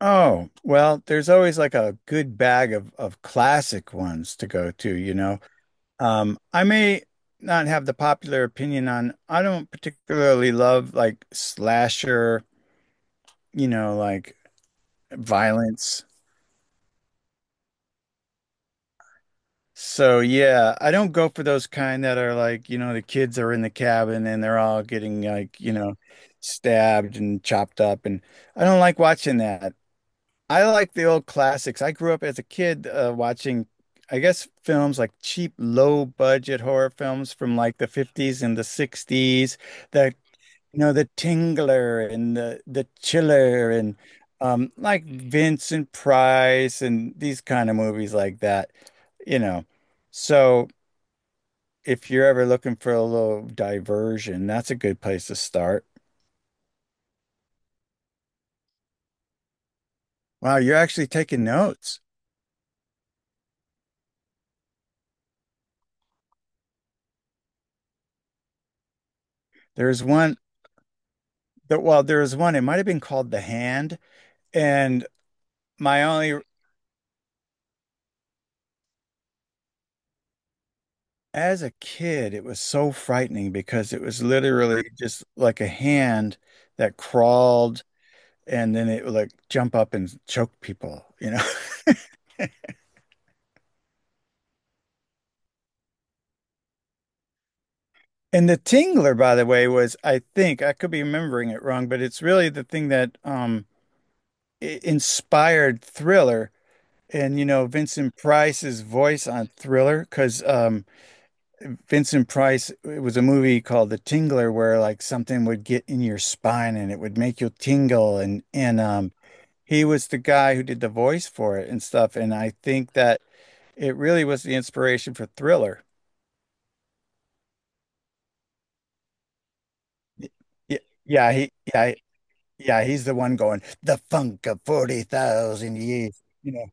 Oh, well, there's always like a good bag of classic ones to go to, you know. I may not have the popular opinion on, I don't particularly love like slasher, you know, like violence. So yeah, I don't go for those kind that are like, you know, the kids are in the cabin and they're all getting like, you know, stabbed and chopped up and I don't like watching that. I like the old classics. I grew up as a kid watching, I guess, films like cheap, low budget horror films from like the 50s and the 60s. The, you know, The Tingler and the Chiller and like Vincent Price and these kind of movies like that, you know. So if you're ever looking for a little diversion, that's a good place to start. Wow, you're actually taking notes. There's one that, well, there was one, it might have been called The Hand. And my only, as a kid, it was so frightening because it was literally just like a hand that crawled and then it would like jump up and choke people, you know? And the tingler, by the way, was, I think, I could be remembering it wrong, but it's really the thing that inspired Thriller and, you know, Vincent Price's voice on Thriller because Vincent Price, it was a movie called The Tingler where like something would get in your spine and it would make you tingle and he was the guy who did the voice for it and stuff and I think that it really was the inspiration for Thriller. Yeah, yeah, he yeah, yeah, he's the one going the funk of 40,000 years, you know.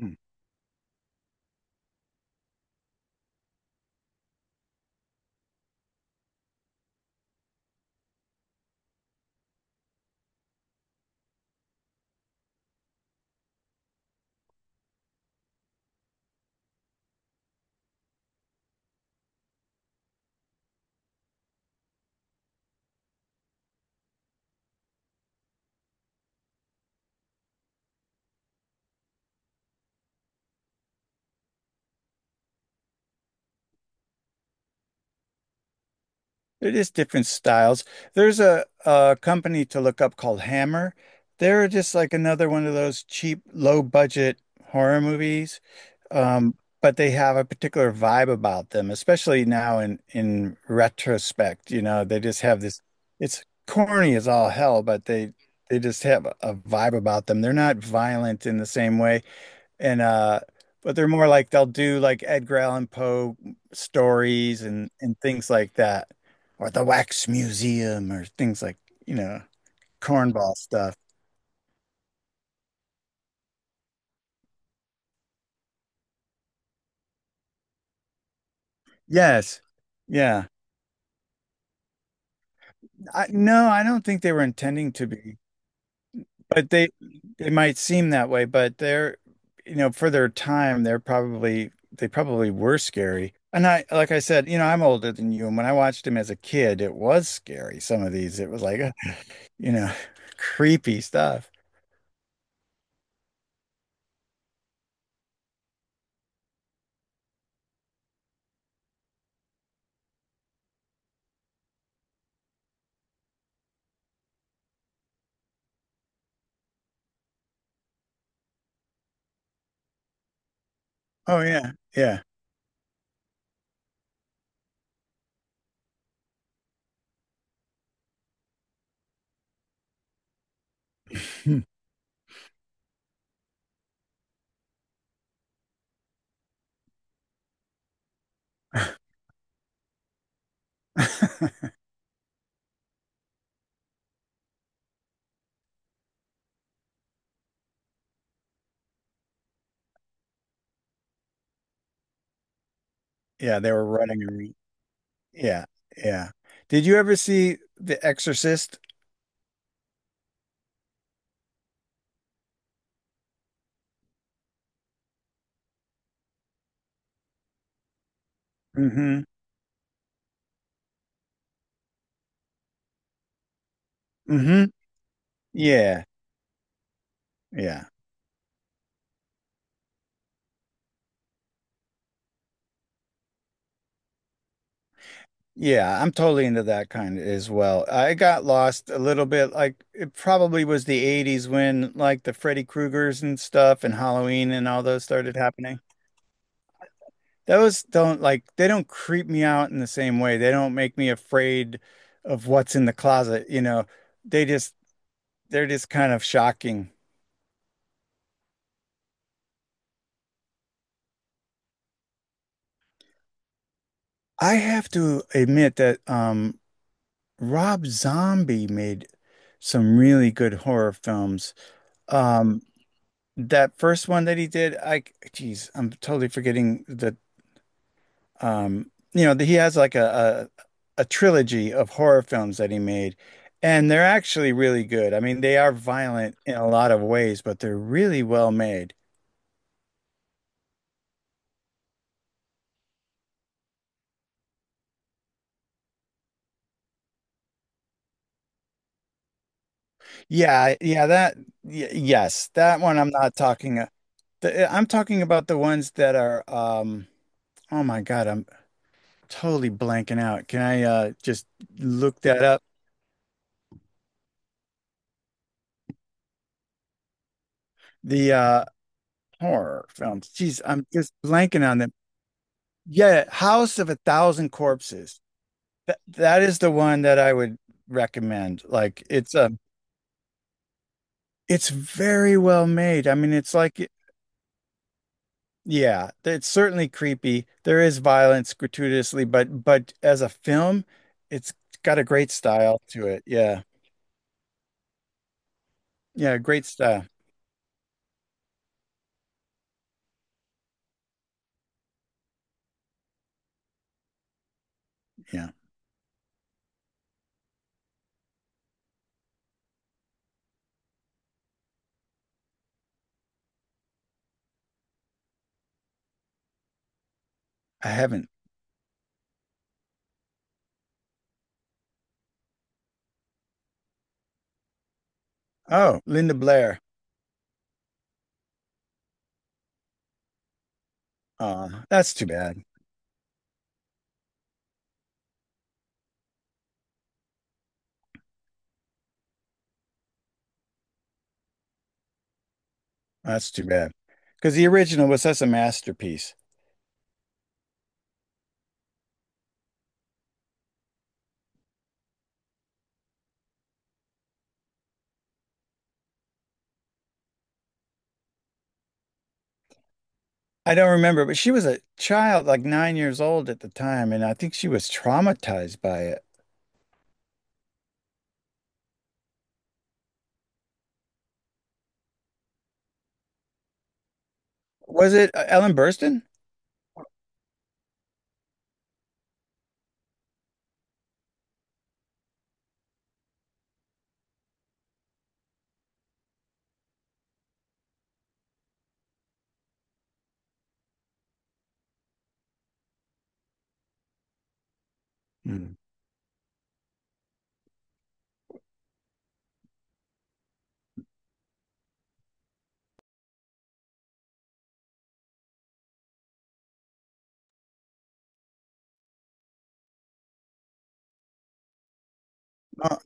Mm. They're just different styles. There's a company to look up called Hammer. They're just like another one of those cheap, low budget horror movies. But they have a particular vibe about them, especially now in retrospect. You know, they just have this. It's corny as all hell, but they just have a vibe about them. They're not violent in the same way, and but they're more like they'll do like Edgar Allan Poe stories and things like that, or the Wax Museum or things like, you know, cornball stuff. Yes, yeah. I, no, I don't think they were intending to be. But they, it might seem that way, but they're, you know, for their time, they're probably they probably were scary. And I like I said, you know, I'm older than you, and when I watched them as a kid, it was scary. Some of these, it was like, you know, creepy stuff. Oh yeah, yeah. Hmm. Yeah, they were running around. Yeah, yeah. Did you ever see The Exorcist? Mm-hmm. Mm-hmm. Yeah, yeah. Yeah, I'm totally into that kind as well. I got lost a little bit. Like it probably was the 80s when like the Freddy Kruegers and stuff and Halloween and all those started happening. Those don't like they don't creep me out in the same way. They don't make me afraid of what's in the closet, you know. They just they're just kind of shocking. I have to admit that Rob Zombie made some really good horror films. Um That first one that he did, I, geez, I'm totally forgetting you know, that he has like a a trilogy of horror films that he made, and they're actually really good. I mean, they are violent in a lot of ways, but they're really well made. Yeah, yeah, that, y yes, that one I'm not talking. I'm talking about the ones that are, oh my God, I'm totally blanking out. Can I just look that up? The horror films. Geez, I'm just blanking on them. Yeah, House of a Thousand Corpses. That is the one that I would recommend. Like it's very well made. I mean, it's like, yeah, it's certainly creepy. There is violence gratuitously, but as a film, it's got a great style to it. Yeah. Yeah, great style. Yeah. I haven't. Oh, Linda Blair. That's too bad. That's too bad. Because the original was such a masterpiece. I don't remember, but she was a child, like 9 years old at the time, and I think she was traumatized by it. Was it Ellen Burstyn? Hmm. Uh,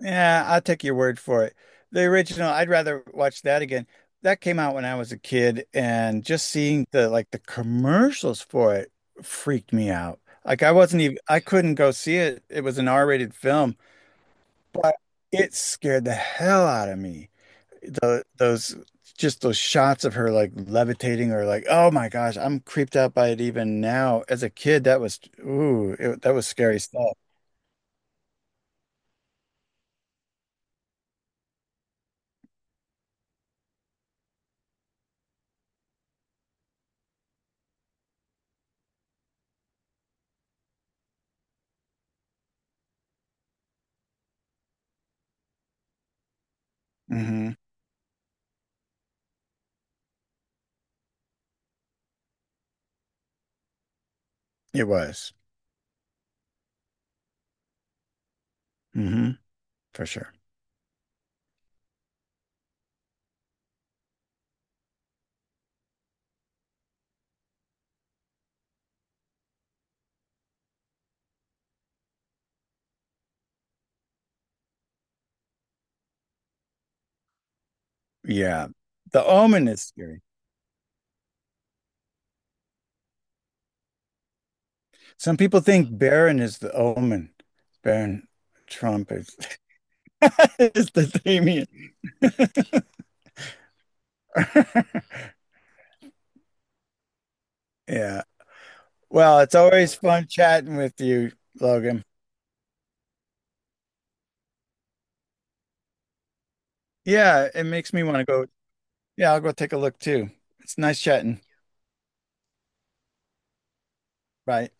yeah, I'll take your word for it. The original, I'd rather watch that again. That came out when I was a kid, and just seeing the like the commercials for it freaked me out. Like I wasn't even, I couldn't go see it. It was an R-rated film, but it scared the hell out of me. The those just those shots of her like levitating or like, oh my gosh, I'm creeped out by it even now. As a kid, that was, ooh, it, that was scary stuff. Hmm. It was. Hmm. For sure. Yeah, the Omen is scary. Some people think Baron is the Omen. Baron Trump is is the Damien. Yeah, well, it's always fun chatting with you, Logan. Yeah, it makes me want to go. Yeah, I'll go take a look too. It's nice chatting. Bye.